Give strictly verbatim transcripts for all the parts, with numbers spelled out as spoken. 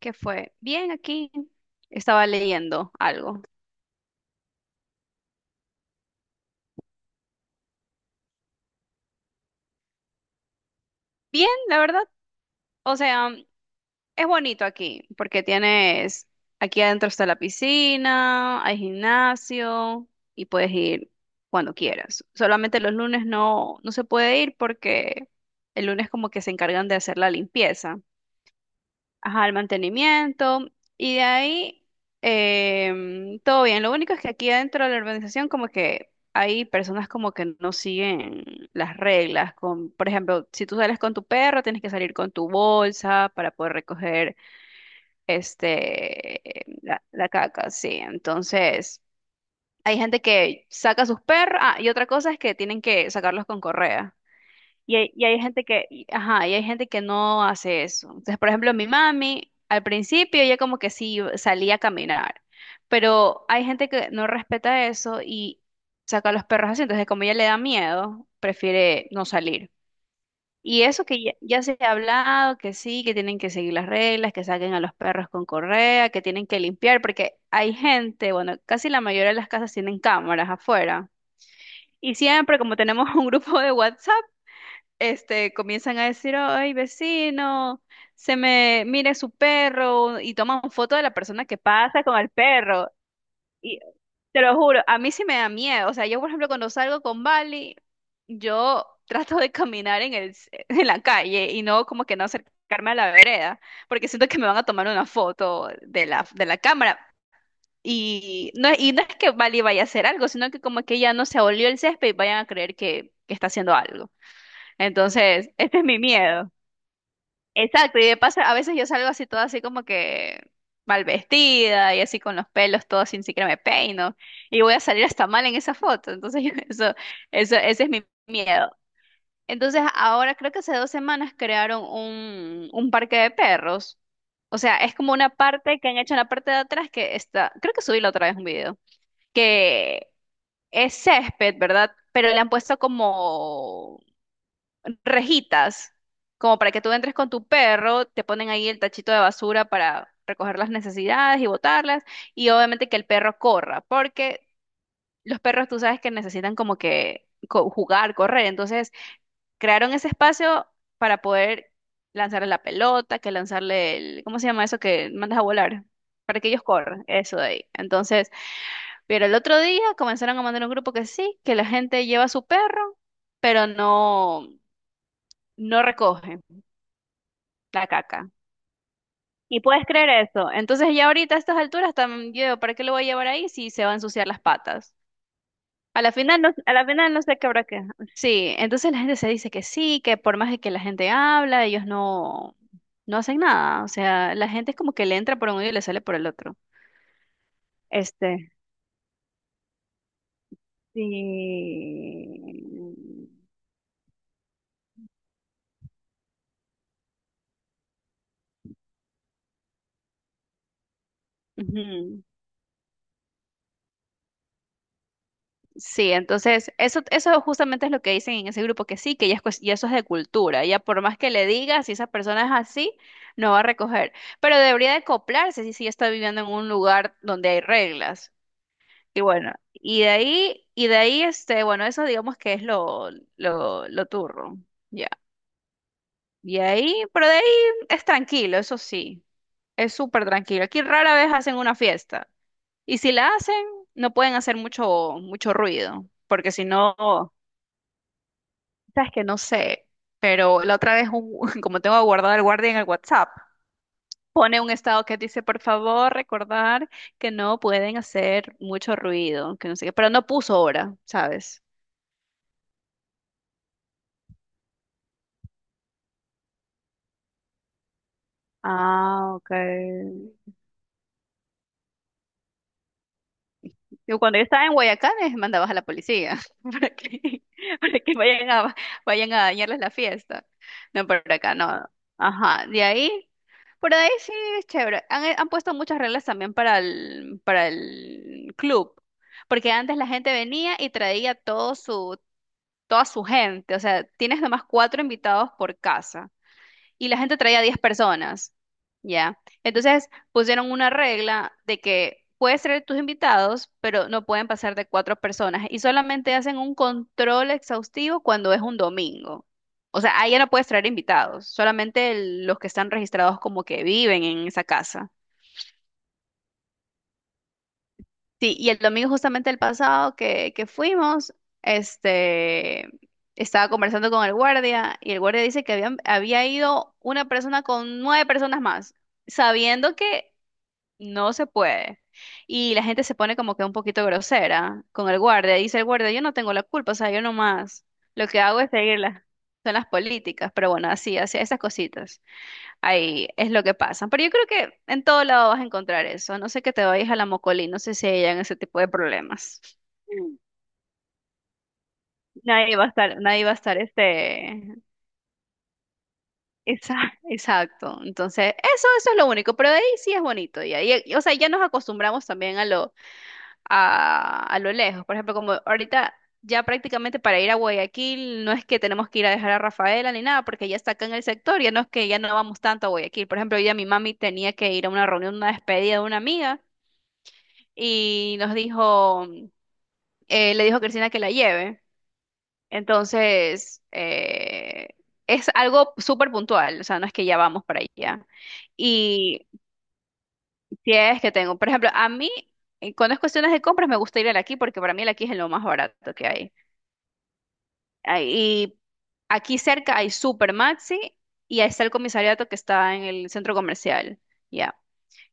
Que fue bien aquí. Estaba leyendo algo. Bien, la verdad. O sea, es bonito aquí porque tienes, aquí adentro está la piscina, hay gimnasio y puedes ir cuando quieras. Solamente los lunes no, no se puede ir porque el lunes como que se encargan de hacer la limpieza. Ajá, el mantenimiento, y de ahí em, todo bien. Lo único es que aquí dentro de la organización como que hay personas como que no siguen las reglas. Con, por ejemplo, si tú sales con tu perro, tienes que salir con tu bolsa para poder recoger este la, la caca, sí. Entonces, hay gente que saca sus perros, ah, y otra cosa es que tienen que sacarlos con correa. Y hay, y hay gente que, y- ajá, y hay gente que no hace eso. Entonces, por ejemplo, mi mami, al principio ella como que sí salía a caminar, pero hay gente que no respeta eso y saca a los perros así. Entonces, como ella le da miedo, prefiere no salir. Y eso que ya, ya se ha hablado, que sí, que tienen que seguir las reglas, que saquen a los perros con correa, que tienen que limpiar, porque hay gente, bueno, casi la mayoría de las casas tienen cámaras afuera. Y siempre, como tenemos un grupo de WhatsApp, este, comienzan a decir, ay, vecino, se me mire su perro y toman foto de la persona que pasa con el perro. Y te lo juro, a mí sí me da miedo. O sea, yo, por ejemplo, cuando salgo con Bali, yo trato de caminar en el, c- en la calle y no como que no acercarme a la vereda, porque siento que me van a tomar una foto de la, de la cámara. Y no, es- y no es que Bali vaya a hacer algo, sino que como que ya no se abolió el césped y vayan a creer que, que está haciendo algo. Entonces, este es mi miedo. Exacto, y de paso, a veces yo salgo así toda así como que mal vestida y así con los pelos todos sin siquiera me peino y voy a salir hasta mal en esa foto. Entonces, yo- eso, eso, ese es mi miedo. Entonces, ahora creo que hace dos semanas crearon un, un parque de perros. O sea, es como una parte que han hecho en la parte de atrás que está, creo que subí la otra vez un video, que es césped, ¿verdad? Pero le han puesto como rejitas, como para que tú entres con tu perro, te ponen ahí el tachito de basura para recoger las necesidades y botarlas, y obviamente que el perro corra, porque los perros tú sabes que necesitan como que co- jugar, correr, entonces crearon ese espacio para poder lanzarle la pelota, que lanzarle el, ¿cómo se llama eso que mandas a volar? Para que ellos corran, eso de ahí. Entonces, pero el otro día comenzaron a mandar un grupo que sí, que la gente lleva a su perro, pero no, no recoge. La caca. Y puedes creer eso. Entonces ya ahorita a estas alturas también yo, ¿para qué lo voy a llevar ahí si se va a ensuciar las patas? A la final no, a la final no sé qué habrá que. Sí, entonces la gente se dice que sí, que por más de que la gente habla, ellos no, no hacen nada. O sea, la gente es como que le entra por un oído y le sale por el otro. Este, sí. Ujú. Sí, entonces eso, eso justamente es lo que dicen en ese grupo, que sí, que ya, es cues- ya eso es de cultura, ya por más que le digas, si esa persona es así, no va a recoger, pero debería de acoplarse si, si ya está viviendo en un lugar donde hay reglas. Y bueno, y de ahí, y de ahí, este, bueno, eso digamos que es lo, lo, lo turro, ya. Y ahí, pero de ahí es tranquilo, eso sí, es súper tranquilo. Aquí rara vez hacen una fiesta, y si la hacen, no pueden hacer mucho, mucho ruido, porque si no... Sabes que no sé, pero la otra vez, un- como tengo guardado el guardia en el WhatsApp, pone un estado que dice, por favor, recordar que no pueden hacer mucho ruido, que no sé qué, pero no puso hora, ¿sabes? Ah, ok. Yo cuando yo estaba en Guayacán, eh, mandabas a la policía. ¿Para qué? de que vayan a, vayan a dañarles la fiesta. No, por acá no. Ajá, de ahí, por ahí sí es chévere. Han, eh, han puesto muchas reglas también para el, para el club, porque antes la gente venía y traía todo su, toda su gente, o sea, tienes nomás cuatro invitados por casa y la gente traía diez personas, ¿ya? Entonces pusieron una regla de que puedes traer tus invitados, pero no pueden pasar de cuatro personas y solamente hacen un control exhaustivo cuando es un domingo. O sea, ahí ya no puedes traer invitados, solamente el- los que están registrados como que viven en esa casa. Sí, y el domingo justamente el pasado que, que fuimos, este, estaba conversando con el guardia y el guardia dice que habían, había ido una persona con nueve personas más, sabiendo que no se puede. Y la gente se pone como que un poquito grosera con el guardia. Dice el guardia, yo no tengo la culpa, o sea, yo nomás lo que hago es seguir las, son las políticas, pero bueno, así, así, esas cositas. Ahí es lo que pasa. Pero yo creo que en todo lado vas a encontrar eso. A no sé que te vayas a la Mocolí, no sé si hayan ese tipo de problemas. Mm. Nadie va a estar, nadie va a estar este. Esa, exacto. Entonces, eso, eso es lo único. Pero de ahí sí es bonito. Y ahí, y- o sea, ya nos acostumbramos también a lo, a, a lo lejos. Por ejemplo, como ahorita ya prácticamente para ir a Guayaquil no es que tenemos que ir a dejar a Rafaela ni nada, porque ya está acá en el sector, ya no es que ya no vamos tanto a Guayaquil. Por ejemplo, hoy día mi mami tenía que ir a una reunión, una despedida de una amiga. Y nos dijo, eh, le dijo a Cristina que la lleve. Entonces, eh, es algo súper puntual, o sea, no es que ya vamos para allá. Y si es que tengo, por ejemplo, a mí, eh, cuando es cuestiones de compras, me gusta ir al aquí porque para mí el aquí es lo más barato que hay. Ah, y aquí cerca hay Super Maxi y ahí está el comisariato que está en el centro comercial. Ya.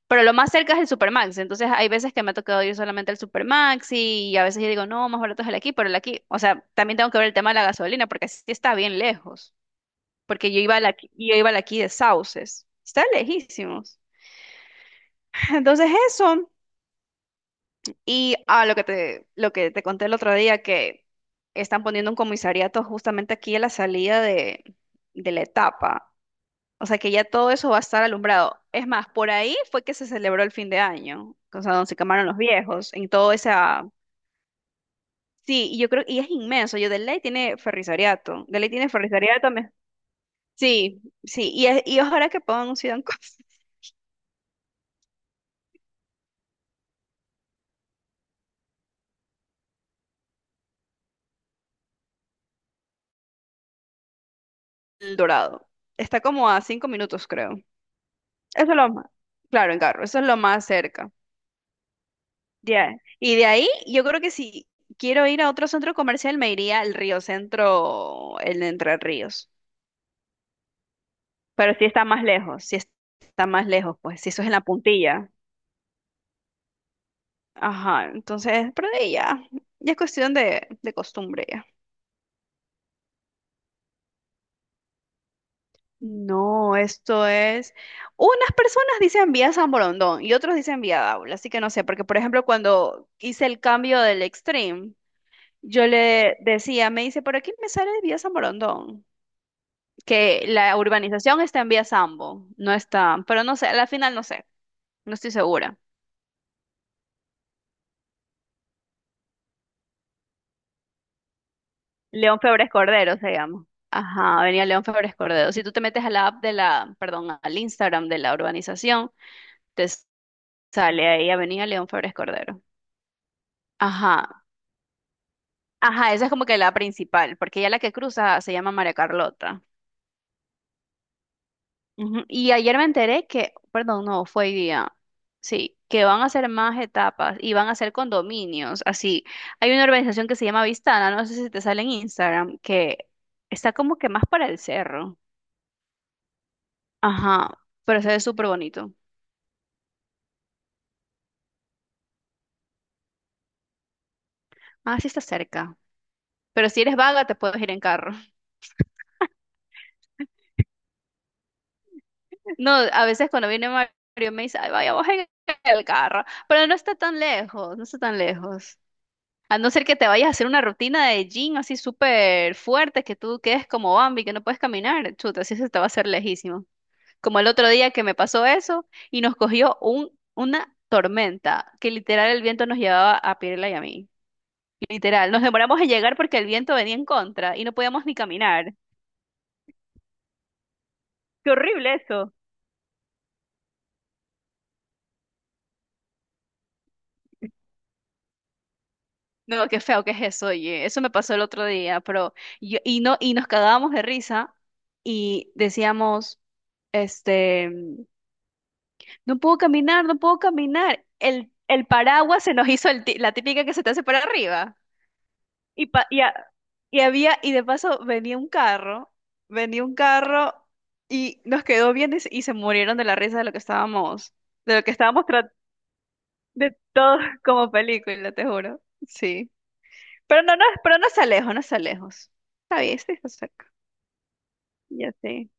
Pero lo más cerca es el Supermax, entonces hay veces que me ha tocado ir solamente al Supermax y a veces yo digo, no, más barato es el aquí, pero el aquí, o sea, también tengo que ver el tema de la gasolina porque sí está bien lejos, porque yo iba al aquí, yo iba al aquí de Sauces, está lejísimos. Entonces eso, y a lo que te, lo que te conté el otro día, que están poniendo un comisariato justamente aquí a la salida de, de la etapa. O sea que ya todo eso va a estar alumbrado. Es más, por ahí fue que se celebró el fin de año, o sea, donde se quemaron los viejos, en todo esa... Sí, y yo creo, y es inmenso, yo de ley tiene ferrisariato, de ley tiene ferrisariato, me- sí, sí, y, es- y ojalá que pongan un Sidan Cos- El Dorado. Está como a cinco minutos, creo. Eso es lo más, claro, en carro, eso es lo más cerca. Ya. Y de ahí, yo creo que si quiero ir a otro centro comercial, me iría al Río Centro, el de Entre Ríos. Pero sí está más lejos, sí está más lejos, pues, si eso es en la puntilla. Ajá, entonces, pero de ahí ya, ya es cuestión de, de costumbre ya. No, esto es. Unas personas dicen vía San Borondón y otros dicen vía Daula, así que no sé, porque por ejemplo, cuando hice el cambio del Extreme, yo le decía, me dice, por aquí me sale vía San Borondón, que la urbanización está en vía Sambo, no está, pero no sé, a la final no sé, no estoy segura. León Febres Cordero se llama. Ajá, venía León Febres Cordero. Si tú te metes a la app de la, perdón, al Instagram de la urbanización, te sale ahí Avenida León Febres Cordero. Ajá, ajá, esa es como que la principal, porque ya la que cruza se llama María Carlota. Ujú, y ayer me enteré que, perdón, no, fue hoy día, sí, que van a hacer más etapas y van a hacer condominios, así. Hay una organización que se llama Vistana, no sé si te sale en Instagram, que está como que más para el cerro. Ajá, pero se ve súper bonito. Ah, sí está cerca. Pero si eres vaga, te puedes ir en carro. No, a veces cuando viene Mario me dice, ay, vaya, vos en el carro. Pero no está tan lejos, no está tan lejos. A no ser que te vayas a hacer una rutina de gym así súper fuerte, que tú quedes como Bambi, que no puedes caminar. Chuta, así se te va a hacer lejísimo. Como el otro día que me pasó eso y nos cogió un, una tormenta, que literal el viento nos llevaba a Pirela y a mí. Literal, nos demoramos en llegar porque el viento venía en contra y no podíamos ni caminar. Qué horrible eso. No, qué feo que es eso, oye. Eso me pasó el otro día, pero yo, y no, y nos cagábamos de risa y decíamos, este, no puedo caminar, no puedo caminar. El, el paraguas se nos hizo el ti- la típica que se te hace para arriba. Y, pa- y, a- y había, y de paso venía un carro, venía un carro y nos quedó bien y, se y se murieron de la risa de lo que estábamos, de lo que estábamos De todo como película, te juro. Sí. Pero no, no, pero no se lejos, no se lejos. Está bien, sí, está cerca. Ya sí.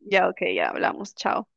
Ya, ok, ya hablamos. Chao.